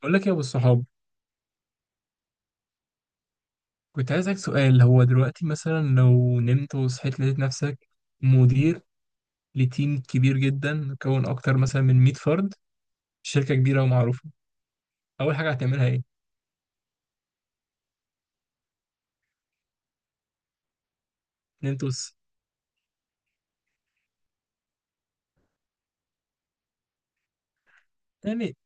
بقول لك يا ابو الصحاب، كنت عايزك سؤال. هو دلوقتي مثلا لو نمت وصحيت لقيت نفسك مدير لتيم كبير جدا مكون اكتر مثلا من 100 فرد، شركة كبيرة ومعروفة، اول حاجة هتعملها ايه؟ نمت وص... يعني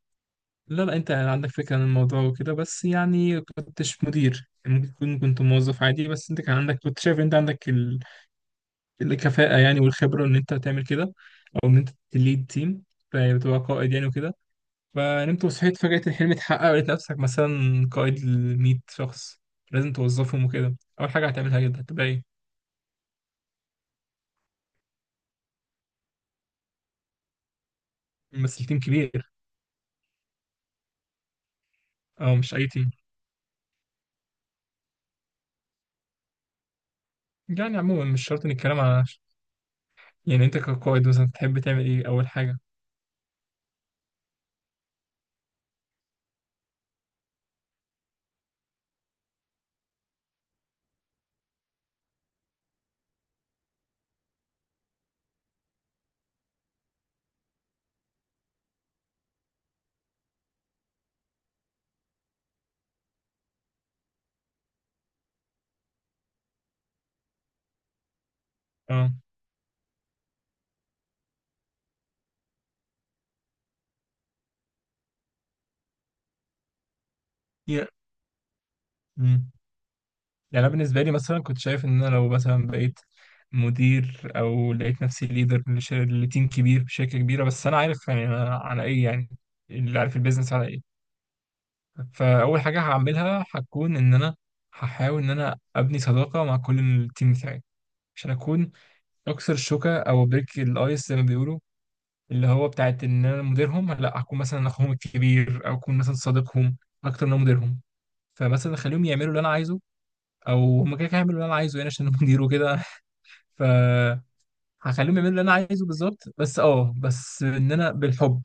لا انت عندك فكرة عن الموضوع وكده، بس يعني كنتش مدير، يعني ممكن تكون كنت موظف عادي بس انت كان عندك، كنت شايف انت عندك الكفاءة يعني والخبرة ان انت تعمل كده، او ان انت تليد تيم، فبتبقى قائد يعني وكده. فنمت وصحيت فجأة الحلم اتحقق ولقيت نفسك مثلا قائد لمية شخص لازم توظفهم وكده، أول حاجة هتعملها جدا هتبقى إيه؟ ممثل تيم كبير، أو مش أي تيم، يعني عموما مش شرط إن الكلام على، يعني أنت كقائد مثلا تحب تعمل إيه أول حاجة؟ أه، يا. مم. يعني أنا بالنسبة لي مثلا كنت شايف إن أنا لو مثلا بقيت مدير أو لقيت نفسي ليدر لتيم كبير في شركة كبيرة، بس أنا عارف يعني أنا على إيه يعني، اللي عارف البيزنس على إيه. فاول حاجه هعملها هتكون ان انا هحاول ان انا ابني صداقه مع كل التيم بتاعي، عشان اكون اكسر الشوكه او بريك الايس زي ما بيقولوا، اللي هو بتاعت ان انا مديرهم، لا هكون مثلا اخوهم الكبير او اكون مثلا صديقهم اكتر من أنا مديرهم. فمثلا اخليهم يعملوا اللي انا عايزه، او هم كده كده هيعملوا اللي انا عايزه يعني عشان أنا مدير وكده. ف هخليهم يعملوا اللي انا عايزه بالظبط، بس اه بس ان انا بالحب،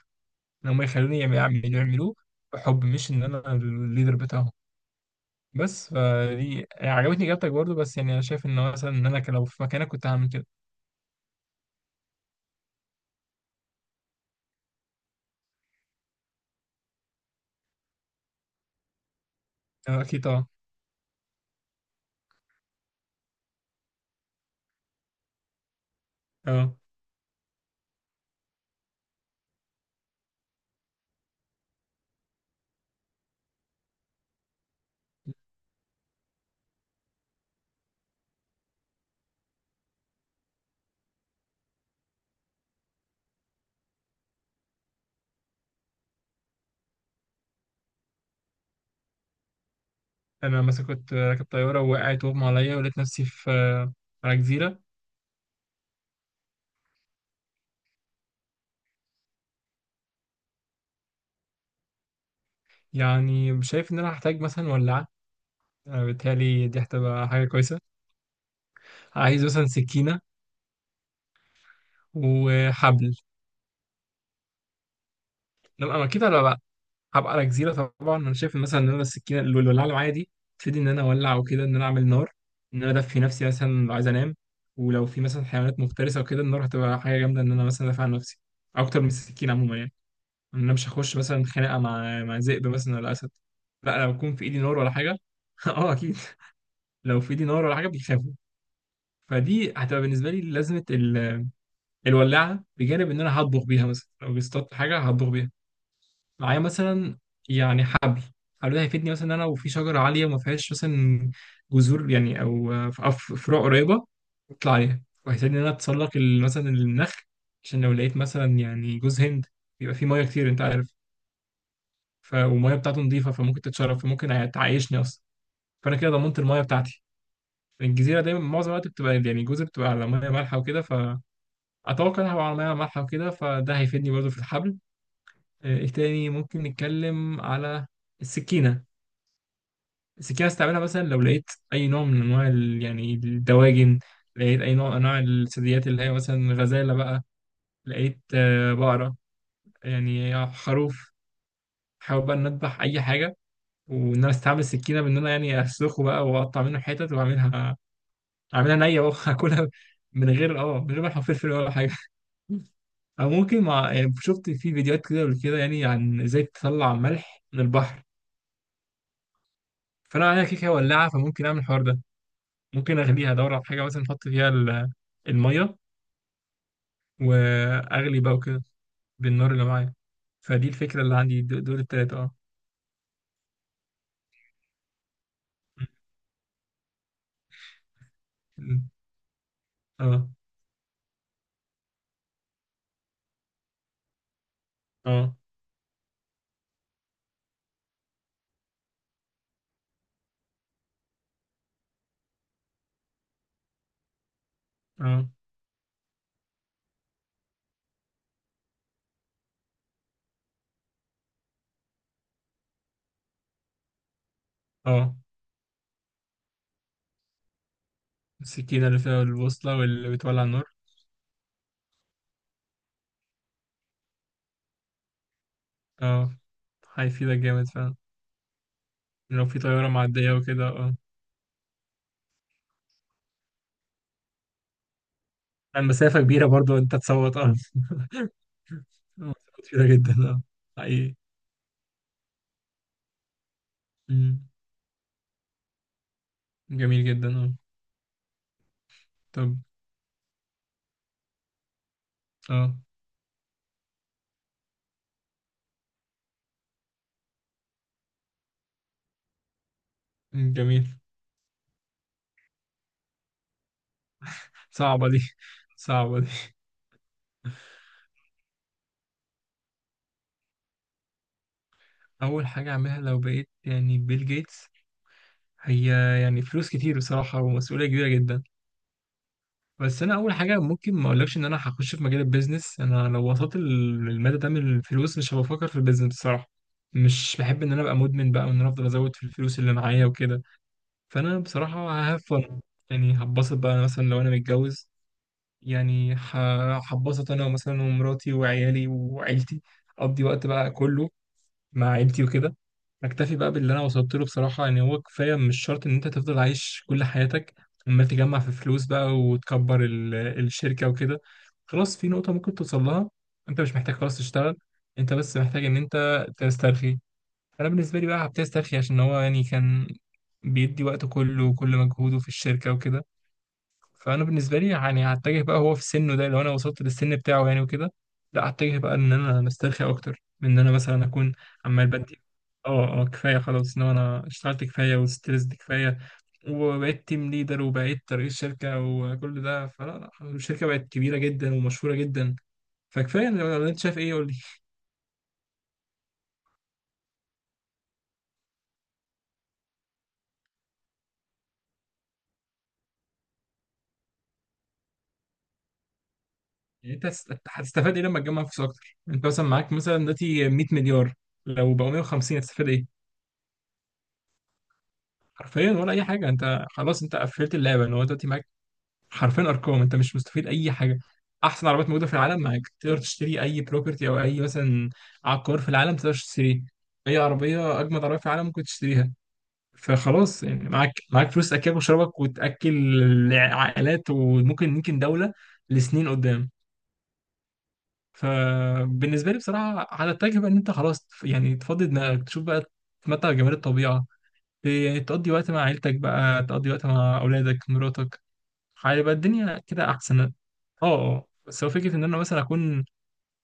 ان هم يخلوني يعملوا يعملوه بحب، مش ان انا الليدر بتاعهم. بس فدي يعني عجبتني اجابتك برضو، بس يعني انا شايف ان مثلا ان انا لو في مكانك كنت هعمل كده. آه، اكيد طبعا. اه، انا مثلا كنت راكب طياره ووقعت واغمى عليا ولقيت نفسي في آه، على جزيره. يعني شايف ان انا هحتاج مثلا ولاعه، آه، بالتالي دي هتبقى حاجه كويسه. عايز مثلا سكينه وحبل. لما أنا اكيد هبقى على جزيره طبعا، انا شايف مثلا ان انا السكينه الولاعه اللي معايا دي تفيدني ان انا اولع وكده، ان انا اعمل نار، ان انا ادفي نفسي مثلا لو عايز انام. ولو في مثلا حيوانات مفترسه وكده، النار هتبقى حاجه جامده ان انا مثلا ادافع عن نفسي اكتر من السكينه عموما يعني. انا مش هخش مثلا خناقه مع مع ذئب مثلا ولا اسد، لا لو يكون في ايدي نار ولا حاجه. اه اكيد، لو في ايدي نار ولا حاجه بيخافوا. فدي هتبقى بالنسبه لي لازمه. الولاعه بجانب ان انا هطبخ بيها مثلا، لو اصطدت حاجه هطبخ بيها معايا مثلا. يعني حبل، حبل ده هيفيدني مثلا ان انا وفي شجره عاليه وما فيهاش مثلا جذور يعني او أو فروع قريبه اطلع عليها، وهيساعدني ان انا اتسلق مثلا النخل، عشان لو لقيت مثلا يعني جوز هند بيبقى فيه ميه كتير انت عارف. والميه بتاعته نظيفه فممكن تتشرب، فممكن تعيشني اصلا. فانا كده ضمنت الميه بتاعتي. الجزيره دايما معظم الوقت بتبقى يعني جزر بتبقى على ميه مالحه وكده، فاتوقع انها هبقى على ميه مالحه وكده، فده هيفيدني برضه في الحبل. آه، ايه تاني ممكن نتكلم على؟ السكينه بس كده استعملها مثلا لو لقيت اي نوع من انواع يعني الدواجن، لقيت اي نوع من انواع الثدييات اللي هي مثلا غزاله بقى، لقيت آه، بقره، يعني خروف، حاول بقى ان اذبح اي حاجه وان انا استعمل السكينه بان انا يعني اسلخه بقى واقطع منه حتت واعملها، اعملها نيه بقى واكلها من غير من غير ما احط فلفل ولا حاجه. او ممكن مع، يعني شفت في فيديوهات كده قبل كده يعني عن ازاي تطلع ملح من البحر، فانا عليها كيكه ولاعه فممكن اعمل الحوار ده. ممكن اغليها، ادور على حاجه مثلا احط فيها الميه واغلي بقى وكده بالنار اللي معايا. فدي الفكره اللي عندي، دول التلاته اه. م- اه. اه. اه. اه. السكينه اللي فيها البوصله واللي بتولع النار. اه، هيفيدك جامد فعلا، لو في طياره معديه وكده اه. المسافه كبيره برضو انت تصوت اه. مسافة كبيره جدا اه. حقيقي. م. جميل جدا اه. طب اه. م، جميل. صعبه دي، صعبه دي. أول حاجة أعملها لو بقيت يعني بيل جيتس، هي يعني فلوس كتير بصراحة ومسؤولية كبيرة جدا. بس أنا أول حاجة، ممكن ما أقولكش إن أنا هخش في مجال البيزنس. أنا لو وصلت للمدى ده من الفلوس، مش هبقى بفكر في البيزنس بصراحة. مش بحب إن أنا أبقى مدمن بقى، وإن أنا أفضل أزود في الفلوس اللي معايا وكده. فأنا بصراحة ههفن، يعني هتبسط بقى. أنا مثلا لو أنا متجوز، يعني هتبسط أنا مثلا ومراتي وعيالي وعيلتي، أقضي وقت بقى كله مع عيلتي وكده. اكتفي بقى باللي انا وصلت له بصراحه، يعني هو كفايه مش شرط ان انت تفضل عايش كل حياتك عمال تجمع في فلوس بقى وتكبر الشركه وكده. خلاص في نقطه ممكن توصل لها، انت مش محتاج خلاص تشتغل، انت بس محتاج ان انت تسترخي. انا بالنسبه لي بقى هبتدي استرخي، عشان هو يعني كان بيدي وقته كله وكل مجهوده في الشركه وكده. فانا بالنسبه لي يعني هتجه بقى، هو في سنه ده لو انا وصلت للسن بتاعه يعني وكده، لا هتجه بقى ان انا مسترخي اكتر من ان انا مثلا اكون عمال بدي. اه كفايه خلاص، ان هو انا اشتغلت كفايه وستريسد كفايه وبقيت تيم ليدر وبقيت رئيس شركه وكل ده، فلا لا الشركه بقت كبيره جدا ومشهوره جدا. فكفايه، لو انت شايف ايه قول لي. يعني انت هتستفاد ايه لما تجمع فلوس اكتر؟ انت مثلا معاك مثلا دلوقتي 100 مليار، لو بقوا 150 هتستفاد ايه؟ حرفيا ولا اي حاجه. انت خلاص انت قفلت اللعبه ان هو دلوقتي معاك حرفيا ارقام، انت مش مستفيد اي حاجه. احسن عربيات موجوده في العالم معاك، تقدر تشتري اي بروبرتي او اي مثلا عقار في العالم تقدر تشتريه، اي عربيه اجمد عربيه في العالم ممكن تشتريها. فخلاص يعني معاك، معاك فلوس تاكلك وشربك وتاكل عائلات وممكن يمكن دوله لسنين قدام. فبالنسبه لي بصراحه على التجربه ان انت خلاص يعني تفضي دماغك، تشوف بقى تتمتع بجمال الطبيعه، يعني تقضي وقت مع عيلتك بقى، تقضي وقت مع اولادك مراتك، هيبقى الدنيا كده احسن. اه اه، بس هو فكره ان انا مثلا اكون،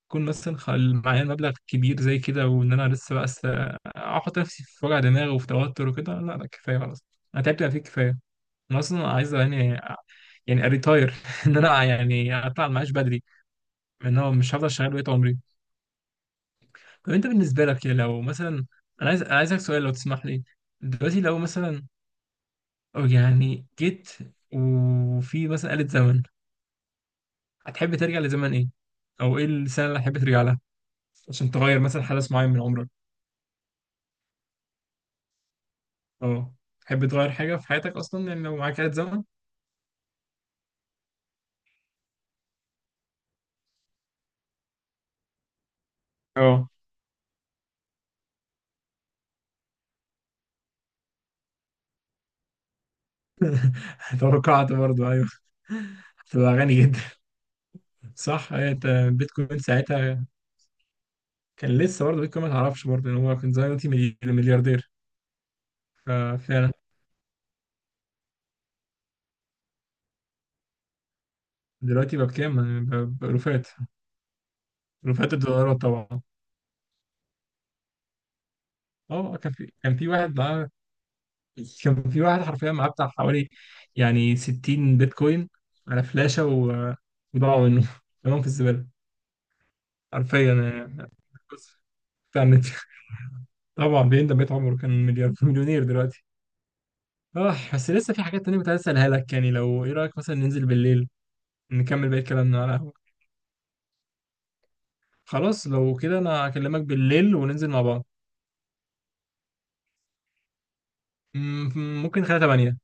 اكون مثلا معايا مبلغ كبير زي كده، وان انا لسه بقى احط نفسي في وجع دماغ وفي توتر وكده، لا لا كفايه خلاص، انا تعبت بقى فيه كفايه. انا اصلا عايز يعني يعني اريتاير، ان انا يعني اطلع المعاش بدري، ان هو مش هفضل شغال بقيت عمري. طب انت بالنسبه لك يا، لو مثلا، انا عايز انا عايزك سؤال لو تسمح لي. دلوقتي لو مثلا، أو يعني جيت وفي مثلا آلة زمن، هتحب ترجع لزمن ايه؟ او ايه السنه اللي هتحب ترجع عشان تغير مثلا حدث معين من عمرك؟ اه، تحب تغير حاجة في حياتك أصلا يعني لو معاك آلة زمن؟ اه. توقعت برضو أيوه، هتبقى غني جدا. صح أيوة، أنت بيتكوين ساعتها كان لسه برضه بيتكوين، ما تعرفش برضه إن هو كان زمان دلوقتي ملياردير. ففعلا دلوقتي بقى بكام؟ يعني بألوفات، ألوفات الدولارات طبعا. اه، كان في واحد معاه، كان في واحد حرفيا معاه بتاع حوالي يعني 60 بيتكوين على فلاشة وضاعوا منه كلهم في الزبالة حرفيا. آه، بس فاهم. طبعا بيندم بقيت عمره، كان مليار مليونير دلوقتي. اه، بس لسه في حاجات تانية كنت عايز اسالها لك. يعني لو، ايه رايك مثلا ننزل بالليل نكمل باقي كلامنا على القهوه؟ خلاص لو كده انا هكلمك بالليل وننزل مع بعض. ممكن خلال 8.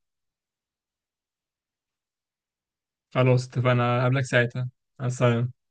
خلاص اتفقنا، هقابلك ساعتها، على السلامه.